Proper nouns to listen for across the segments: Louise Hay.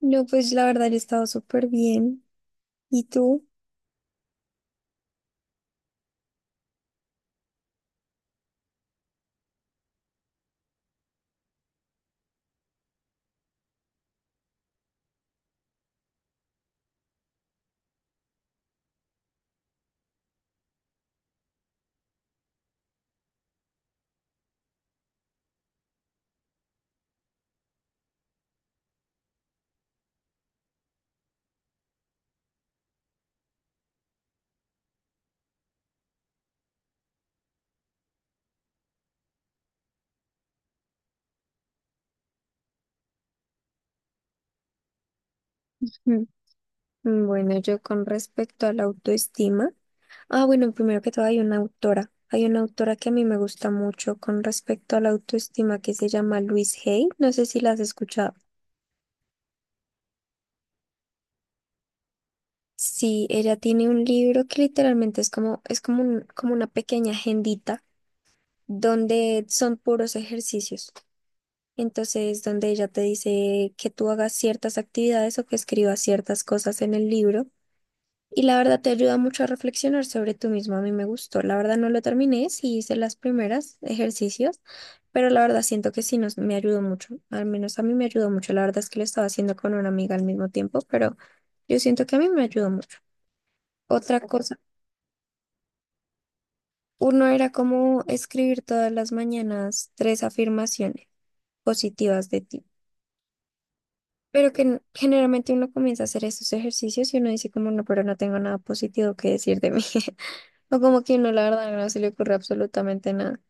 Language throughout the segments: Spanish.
No, pues la verdad yo he estado súper bien. ¿Y tú? Mm. Bueno, yo con respecto a la autoestima. Ah, bueno, primero que todo hay una autora. Hay una autora que a mí me gusta mucho con respecto a la autoestima que se llama Louise Hay. No sé si la has escuchado. Sí, ella tiene un libro que literalmente es como como una pequeña agendita donde son puros ejercicios. Entonces, donde ella te dice que tú hagas ciertas actividades o que escribas ciertas cosas en el libro. Y la verdad te ayuda mucho a reflexionar sobre tú mismo. A mí me gustó. La verdad no lo terminé, sí hice las primeras ejercicios, pero la verdad siento que me ayudó mucho. Al menos a mí me ayudó mucho. La verdad es que lo estaba haciendo con una amiga al mismo tiempo, pero yo siento que a mí me ayudó mucho. Otra cosa, uno era como escribir todas las mañanas tres afirmaciones positivas de ti. Pero que generalmente uno comienza a hacer estos ejercicios y uno dice como no, pero no tengo nada positivo que decir de mí. O como que no, la verdad, no se le ocurre absolutamente nada.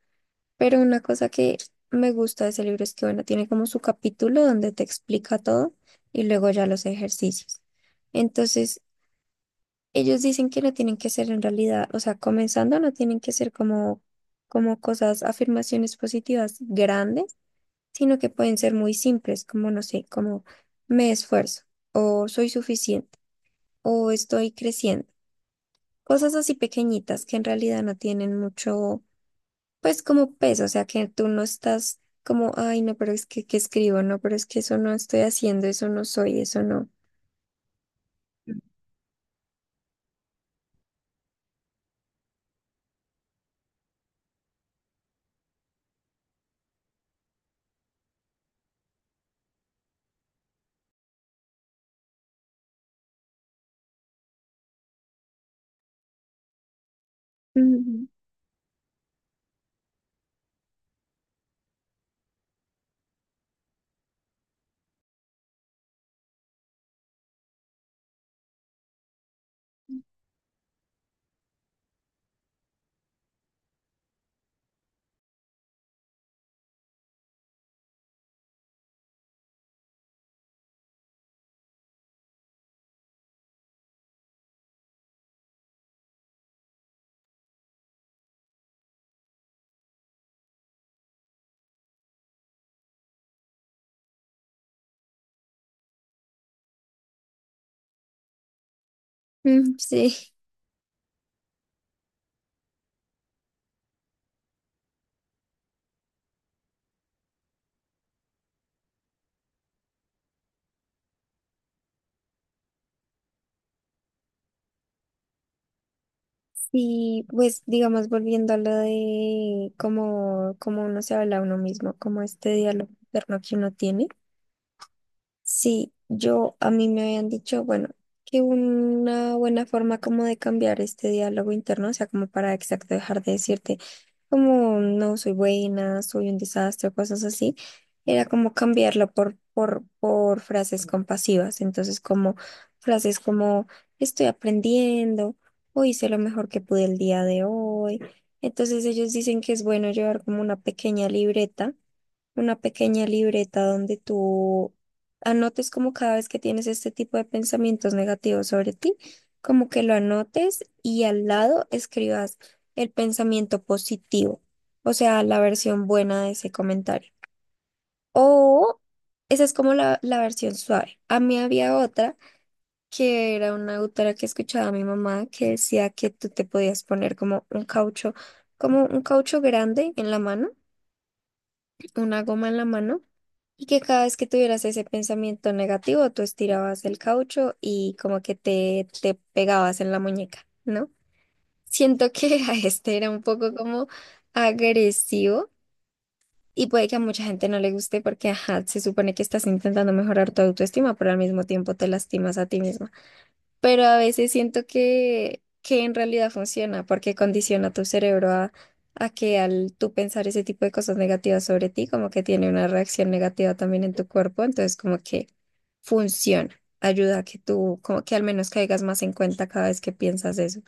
Pero una cosa que me gusta de ese libro es que, bueno, tiene como su capítulo donde te explica todo y luego ya los ejercicios. Entonces, ellos dicen que no tienen que ser en realidad, o sea, comenzando no tienen que ser como, como cosas, afirmaciones positivas grandes, sino que pueden ser muy simples, como, no sé, como me esfuerzo o soy suficiente o estoy creciendo. Cosas así pequeñitas que en realidad no tienen mucho pues como peso, o sea, que tú no estás como, ay, no, pero es que escribo, no, pero es que eso no estoy haciendo, eso no soy, eso no. Mm. Ujú. Mm. Sí. Sí, pues digamos, volviendo a lo de cómo, cómo uno se habla a uno mismo, como este diálogo interno que uno tiene. Sí, yo a mí me habían dicho, bueno, que una buena forma como de cambiar este diálogo interno, o sea, como para exacto dejar de decirte como no soy buena, soy un desastre, o cosas así, era como cambiarlo por frases compasivas. Entonces, como frases como estoy aprendiendo, o hice lo mejor que pude el día de hoy. Entonces, ellos dicen que es bueno llevar como una pequeña libreta donde tú anotes como cada vez que tienes este tipo de pensamientos negativos sobre ti, como que lo anotes y al lado escribas el pensamiento positivo, o sea, la versión buena de ese comentario. O esa es como la versión suave. A mí había otra que era una autora que escuchaba a mi mamá que decía que tú te podías poner como un caucho grande en la mano, una goma en la mano, y que cada vez que tuvieras ese pensamiento negativo, tú estirabas el caucho y como que te pegabas en la muñeca, ¿no? Siento que a este era un poco como agresivo y puede que a mucha gente no le guste porque, ajá, se supone que estás intentando mejorar tu autoestima, pero al mismo tiempo te lastimas a ti misma, pero a veces siento que en realidad funciona porque condiciona tu cerebro a que al tú pensar ese tipo de cosas negativas sobre ti, como que tiene una reacción negativa también en tu cuerpo, entonces como que funciona, ayuda a que tú, como que al menos caigas más en cuenta cada vez que piensas eso.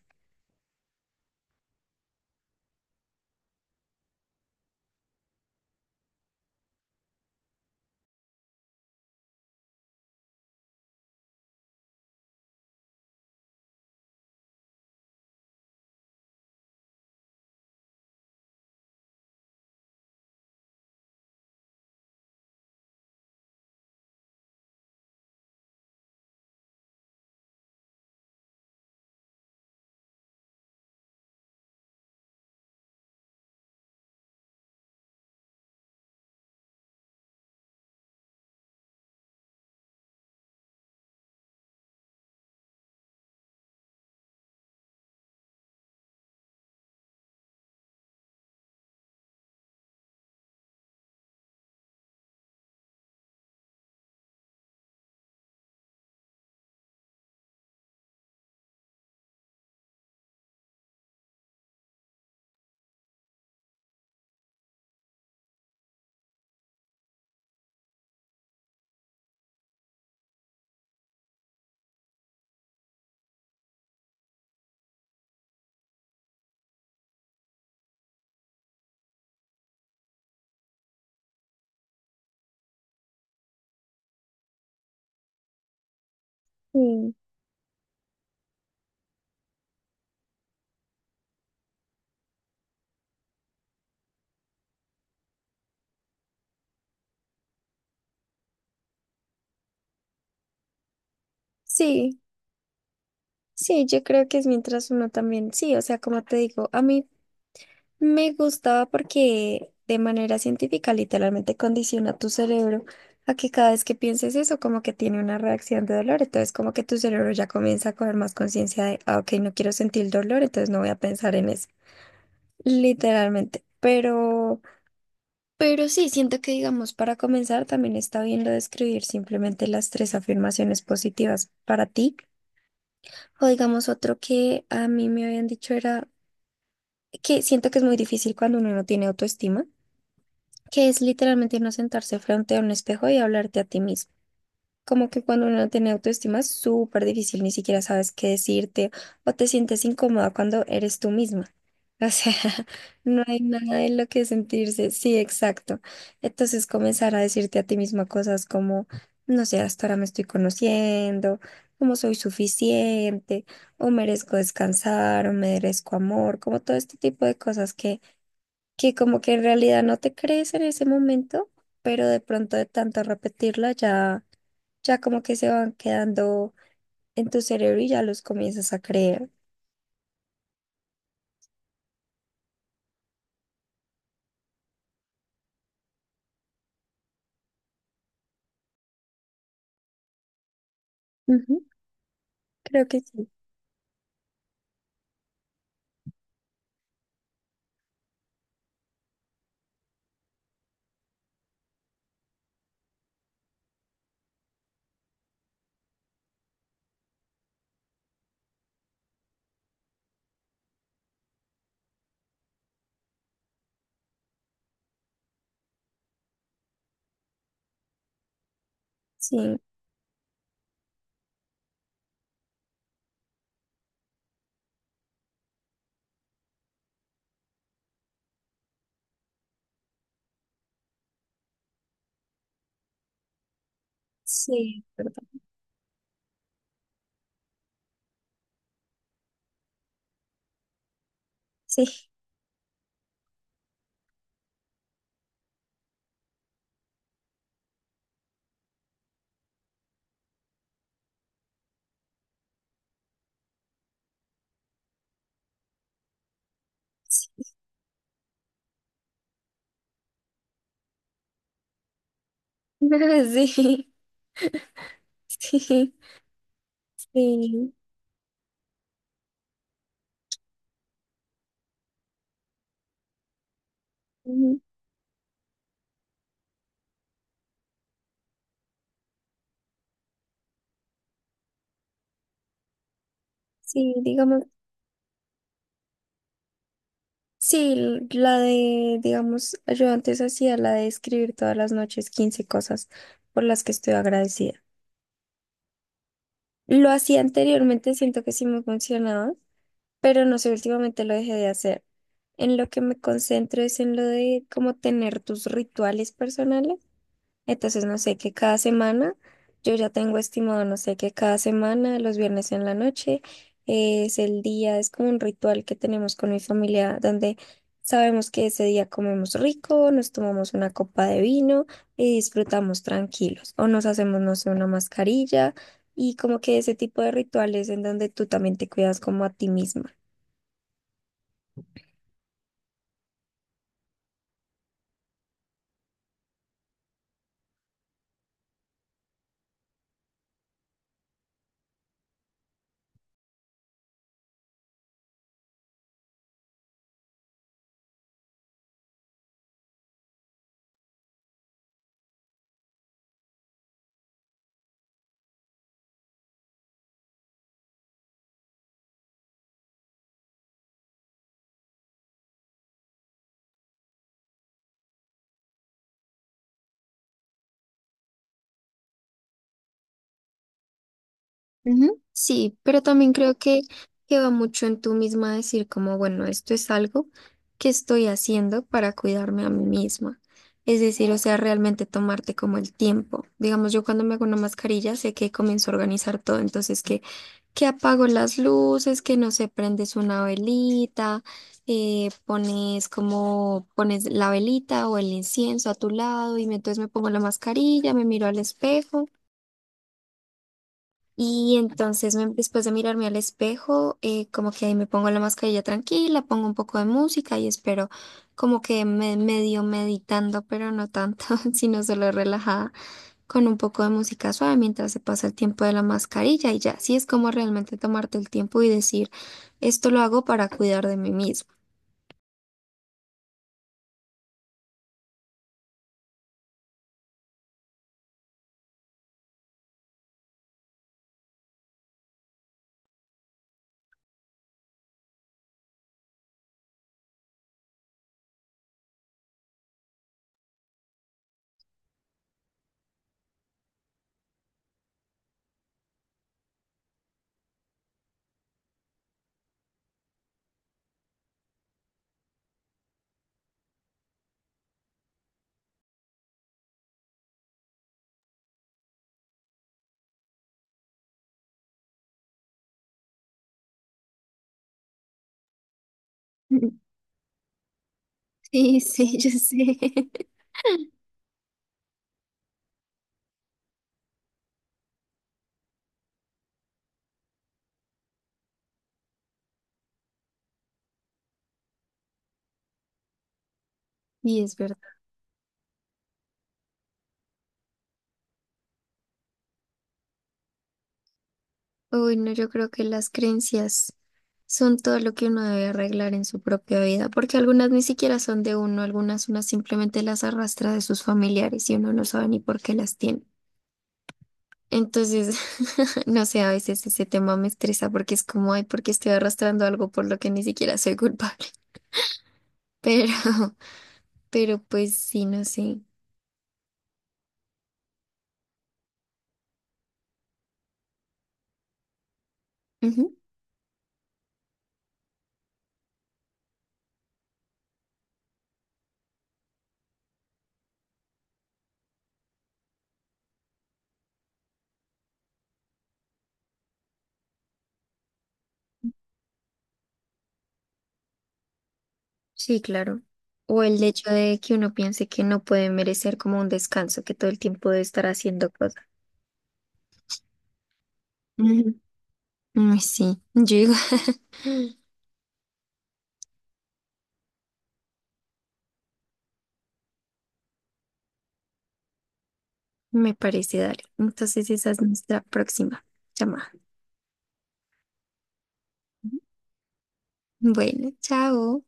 Sí. Sí, sí, yo creo que es mientras uno también, sí, o sea, como te digo, a mí me gustaba porque de manera científica literalmente condiciona tu cerebro a que cada vez que pienses eso como que tiene una reacción de dolor, entonces como que tu cerebro ya comienza a coger más conciencia de, ah, ok, no quiero sentir dolor, entonces no voy a pensar en eso, literalmente. Pero sí, siento que digamos, para comenzar también está bien lo de escribir simplemente las tres afirmaciones positivas para ti. O digamos otro que a mí me habían dicho era que siento que es muy difícil cuando uno no tiene autoestima, que es literalmente no sentarse frente a un espejo y hablarte a ti mismo. Como que cuando uno no tiene autoestima es súper difícil, ni siquiera sabes qué decirte o te sientes incómoda cuando eres tú misma. O sea, no hay nada de lo que sentirse. Sí, exacto. Entonces comenzar a decirte a ti misma cosas como, no sé, hasta ahora me estoy conociendo, como soy suficiente, o merezco descansar, o merezco amor, como todo este tipo de cosas que como que en realidad no te crees en ese momento, pero de pronto de tanto repetirla ya, ya como que se van quedando en tu cerebro y ya los comienzas a creer. Ujú. Creo que sí. Sí, sí, perdón. Sí, sí. Sí, sí, sí. Ujú. Sí, digamos, sí, la de, digamos, yo antes hacía la de escribir todas las noches 15 cosas por las que estoy agradecida. Lo hacía anteriormente, siento que sí me funcionaba, pero no sé, últimamente lo dejé de hacer. En lo que me concentro es en lo de cómo tener tus rituales personales. Entonces, no sé, que cada semana, yo ya tengo estimado, no sé, que cada semana, los viernes en la noche, es el día, es como un ritual que tenemos con mi familia, donde sabemos que ese día comemos rico, nos tomamos una copa de vino y disfrutamos tranquilos. O nos hacemos, no sé, una mascarilla y como que ese tipo de rituales en donde tú también te cuidas como a ti misma. Ujú. Sí, pero también creo que va mucho en tú misma decir como, bueno, esto es algo que estoy haciendo para cuidarme a mí misma. Es decir, o sea, realmente tomarte como el tiempo. Digamos, yo cuando me hago una mascarilla sé que comienzo a organizar todo, entonces que apago las luces, que no sé, prendes una velita, pones como, pones la velita o el incienso a tu lado y entonces me pongo la mascarilla, me miro al espejo. Y entonces después de mirarme al espejo, como que ahí me pongo la mascarilla tranquila, pongo un poco de música y espero como que me medio meditando, pero no tanto, sino solo relajada, con un poco de música suave mientras se pasa el tiempo de la mascarilla y ya, así es como realmente tomarte el tiempo y decir, esto lo hago para cuidar de mí mismo. Sí, sí, yo sé. Y es verdad. Uy, no, yo creo que las creencias son todo lo que uno debe arreglar en su propia vida, porque algunas ni siquiera son de uno, algunas uno simplemente las arrastra de sus familiares y uno no sabe ni por qué las tiene. Entonces, no sé, a veces ese tema me estresa porque es como, ay, porque estoy arrastrando algo por lo que ni siquiera soy culpable. Pero, pero pues sí, no sé. Ujú. Sí, claro. O el hecho de que uno piense que no puede merecer como un descanso, que todo el tiempo debe estar haciendo cosas. Ay, sí, yo digo, me parece, dale. Entonces esa es nuestra próxima llamada. Bueno, chao.